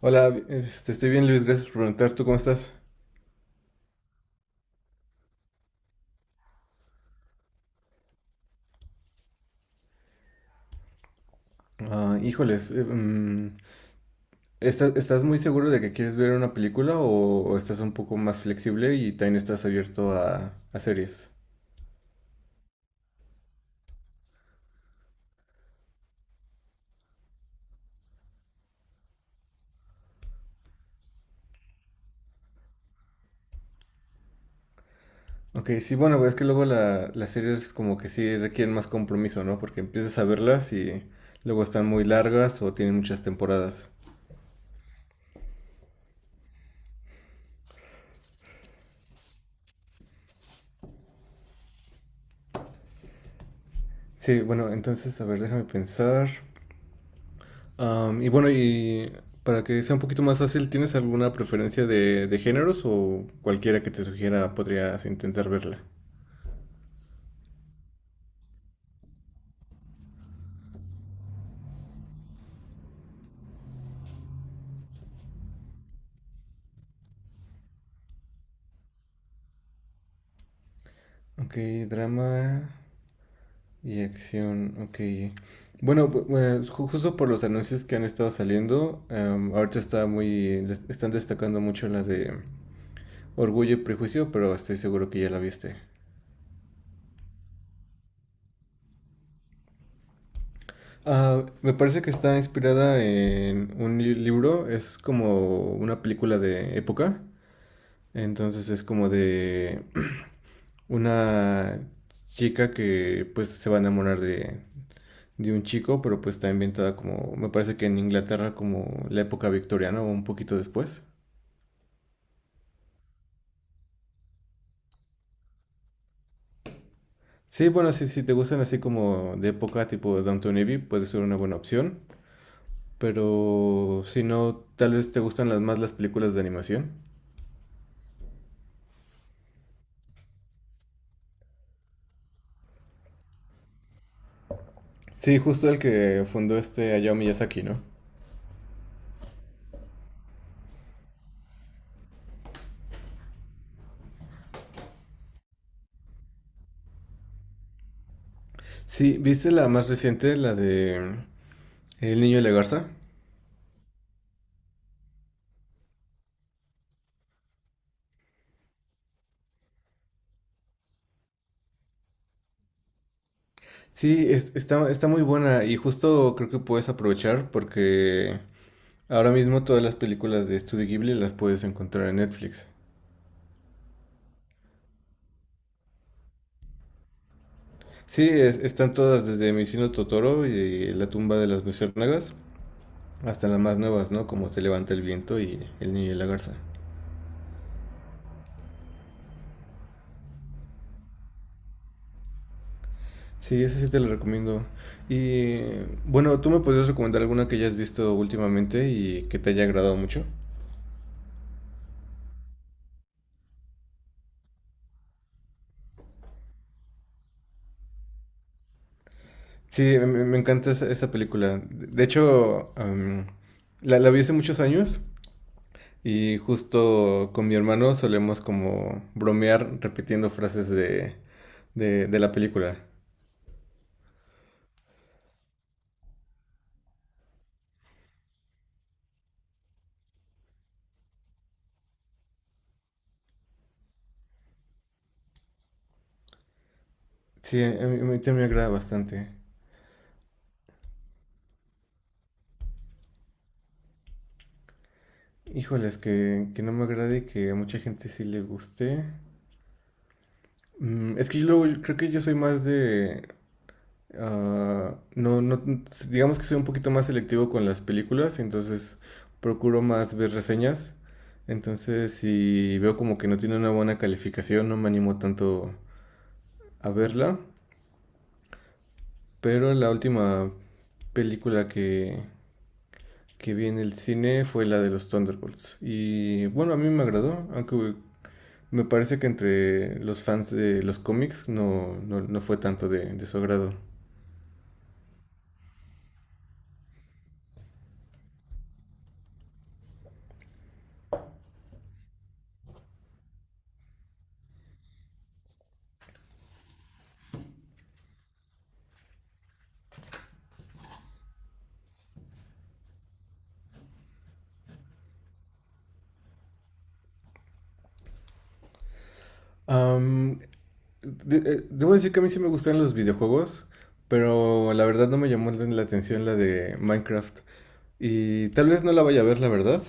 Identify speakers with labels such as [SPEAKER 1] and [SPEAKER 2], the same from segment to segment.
[SPEAKER 1] Hola, estoy bien Luis, gracias por preguntar. ¿Tú cómo estás? Ah, híjoles, ¿estás muy seguro de que quieres ver una película o estás un poco más flexible y también estás abierto a series? Ok, sí, bueno, pues es que luego las series como que sí requieren más compromiso, ¿no? Porque empiezas a verlas y luego están muy largas o tienen muchas temporadas. Sí, bueno, entonces, a ver, déjame pensar. Y bueno, y para que sea un poquito más fácil, ¿tienes alguna preferencia de géneros o cualquiera que te sugiera podrías intentar verla? Ok, drama y acción, ok. Bueno, pues, justo por los anuncios que han estado saliendo, ahorita están destacando mucho la de Orgullo y Prejuicio, pero estoy seguro que ya la viste. Ah, me parece que está inspirada en un libro, es como una película de época. Entonces es como de una chica que pues se va a enamorar de un chico, pero pues está inventada como, me parece que en Inglaterra como la época victoriana o un poquito después. Sí, bueno, si te gustan así como de época tipo Downton Abbey, puede ser una buena opción. Pero si no, tal vez te gustan más las películas de animación. Sí, justo el que fundó Hayao Miyazaki, ¿no? Sí, ¿viste la más reciente, la de El niño y la garza? Sí, está muy buena y justo creo que puedes aprovechar porque ahora mismo todas las películas de Studio Ghibli las puedes encontrar en Netflix. Sí, están todas desde Mi vecino Totoro y La tumba de las luciérnagas hasta las más nuevas, ¿no? Como Se levanta el viento y El niño y la garza. Sí, esa sí te la recomiendo. Y bueno, ¿tú me podrías recomendar alguna que hayas visto últimamente y que te haya agradado mucho? Sí, me encanta esa película. De hecho, la vi hace muchos años, y justo con mi hermano solemos como bromear repitiendo frases de la película. Sí, a mí también me agrada bastante. Híjoles, que no me agrade y que a mucha gente sí le guste. Es que yo creo que yo soy más de. Ah, no, no, digamos que soy un poquito más selectivo con las películas, entonces procuro más ver reseñas. Entonces, si veo como que no tiene una buena calificación, no me animo tanto a verla. Pero la última película que vi en el cine fue la de los Thunderbolts. Y bueno, a mí me agradó, aunque me parece que entre los fans de los cómics no, no, no fue tanto de su agrado. Am, debo decir que a mí sí me gustan los videojuegos, pero la verdad no me llamó la atención la de Minecraft. Y tal vez no la vaya a ver, la verdad.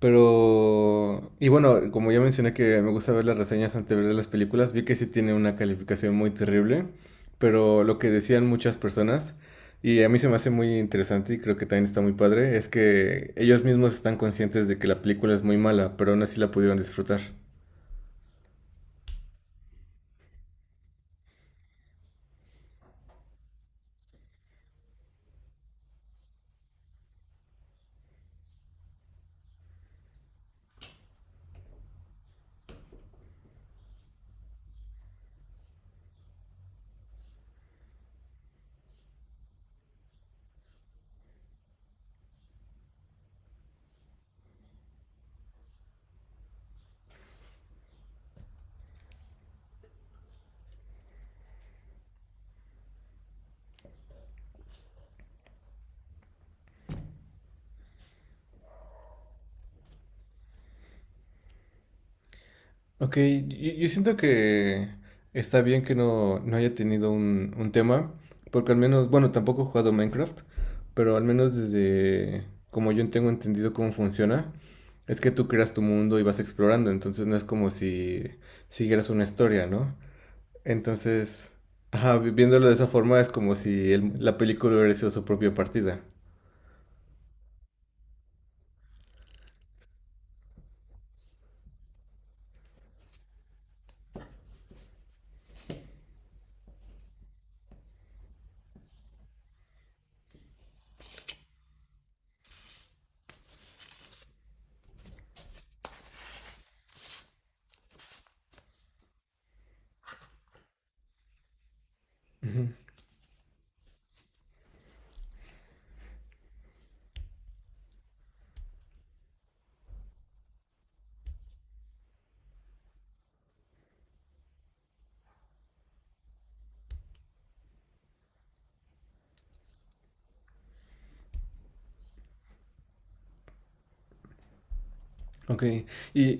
[SPEAKER 1] Y bueno, como ya mencioné que me gusta ver las reseñas antes de ver las películas, vi que sí tiene una calificación muy terrible. Pero lo que decían muchas personas, y a mí se me hace muy interesante y creo que también está muy padre, es que ellos mismos están conscientes de que la película es muy mala, pero aún así la pudieron disfrutar. Ok, yo siento que está bien que no, no haya tenido un tema, porque al menos, bueno, tampoco he jugado Minecraft, pero al menos desde como yo tengo entendido cómo funciona, es que tú creas tu mundo y vas explorando, entonces no es como si siguieras una historia, ¿no? Entonces, ajá, viéndolo de esa forma es como si la película hubiera sido su propia partida. Ok, ¿Y,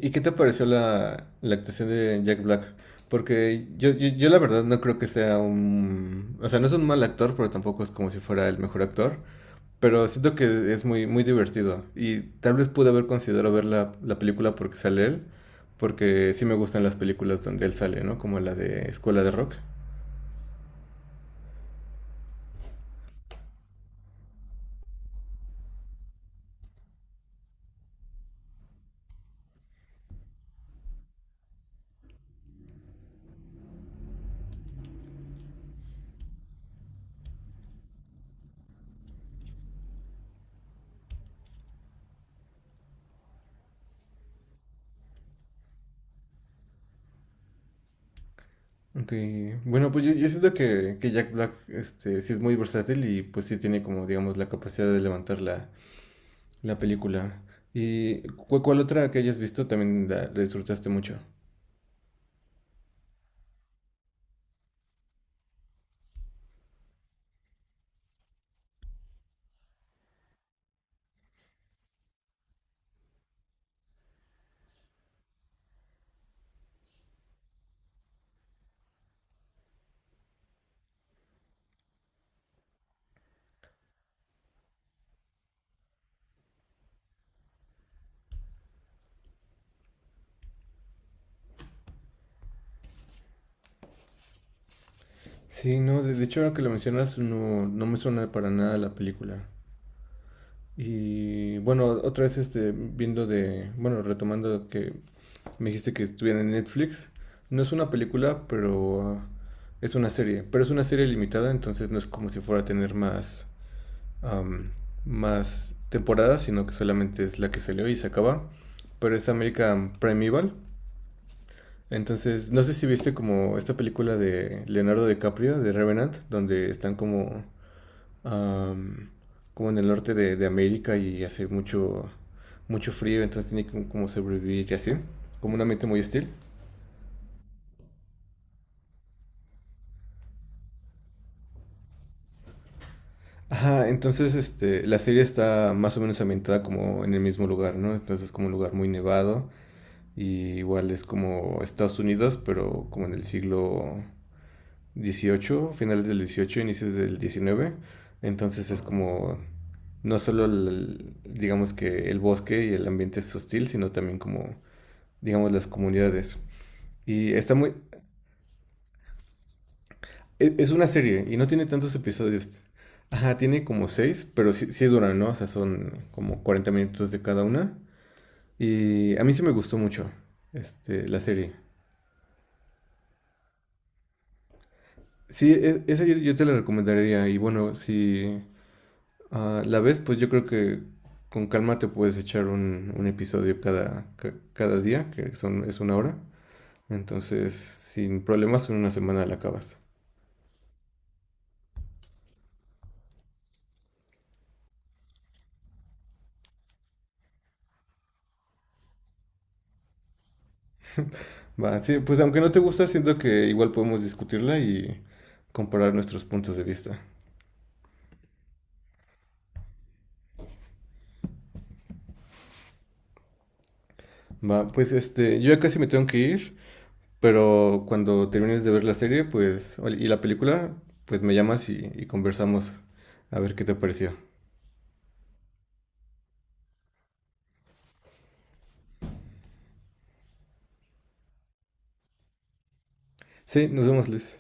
[SPEAKER 1] y qué te pareció la actuación de Jack Black? Porque yo la verdad no creo que sea O sea, no es un mal actor, pero tampoco es como si fuera el mejor actor. Pero siento que es muy, muy divertido. Y tal vez pude haber considerado ver la película porque sale él. Porque sí me gustan las películas donde él sale, ¿no? Como la de Escuela de Rock. Ok, bueno, pues yo siento que Jack Black sí es muy versátil y pues sí tiene como, digamos, la capacidad de levantar la película. ¿Y cuál otra que hayas visto también la disfrutaste mucho? Sí, no, de hecho ahora que lo mencionas no, no me suena para nada la película. Y bueno, otra vez viendo de, bueno, retomando que me dijiste que estuviera en Netflix, no es una película, pero es una serie, pero es una serie limitada, entonces no es como si fuera a tener más, am, más temporadas, sino que solamente es la que salió y se acaba, pero es American Primeval. Entonces, no sé si viste como esta película de Leonardo DiCaprio, de Revenant, donde están como, am, como en el norte de América y hace mucho, mucho frío, entonces tiene que como sobrevivir y así, como un ambiente muy hostil. Ajá, entonces la serie está más o menos ambientada como en el mismo lugar, ¿no? Entonces es como un lugar muy nevado y igual es como Estados Unidos, pero como en el siglo XVIII, finales del XVIII, inicios del XIX. Entonces es como no solo digamos que el bosque y el ambiente es hostil, sino también como digamos las comunidades. Y está muy es una serie y no tiene tantos episodios. Ajá, tiene como seis, pero sí, sí duran, ¿no? O sea, son como 40 minutos de cada una. Y a mí sí me gustó mucho la serie. Sí, esa yo te la recomendaría. Y bueno, si, ah, la vez, pues yo creo que con calma te puedes echar un episodio cada día, es una hora. Entonces, sin problemas, en una semana la acabas. Va, sí, pues aunque no te gusta, siento que igual podemos discutirla y comparar nuestros puntos de vista. Va, pues yo ya casi me tengo que ir, pero cuando termines de ver la serie, pues, y la película, pues me llamas y conversamos a ver qué te pareció. Sí, nos vemos, Luis.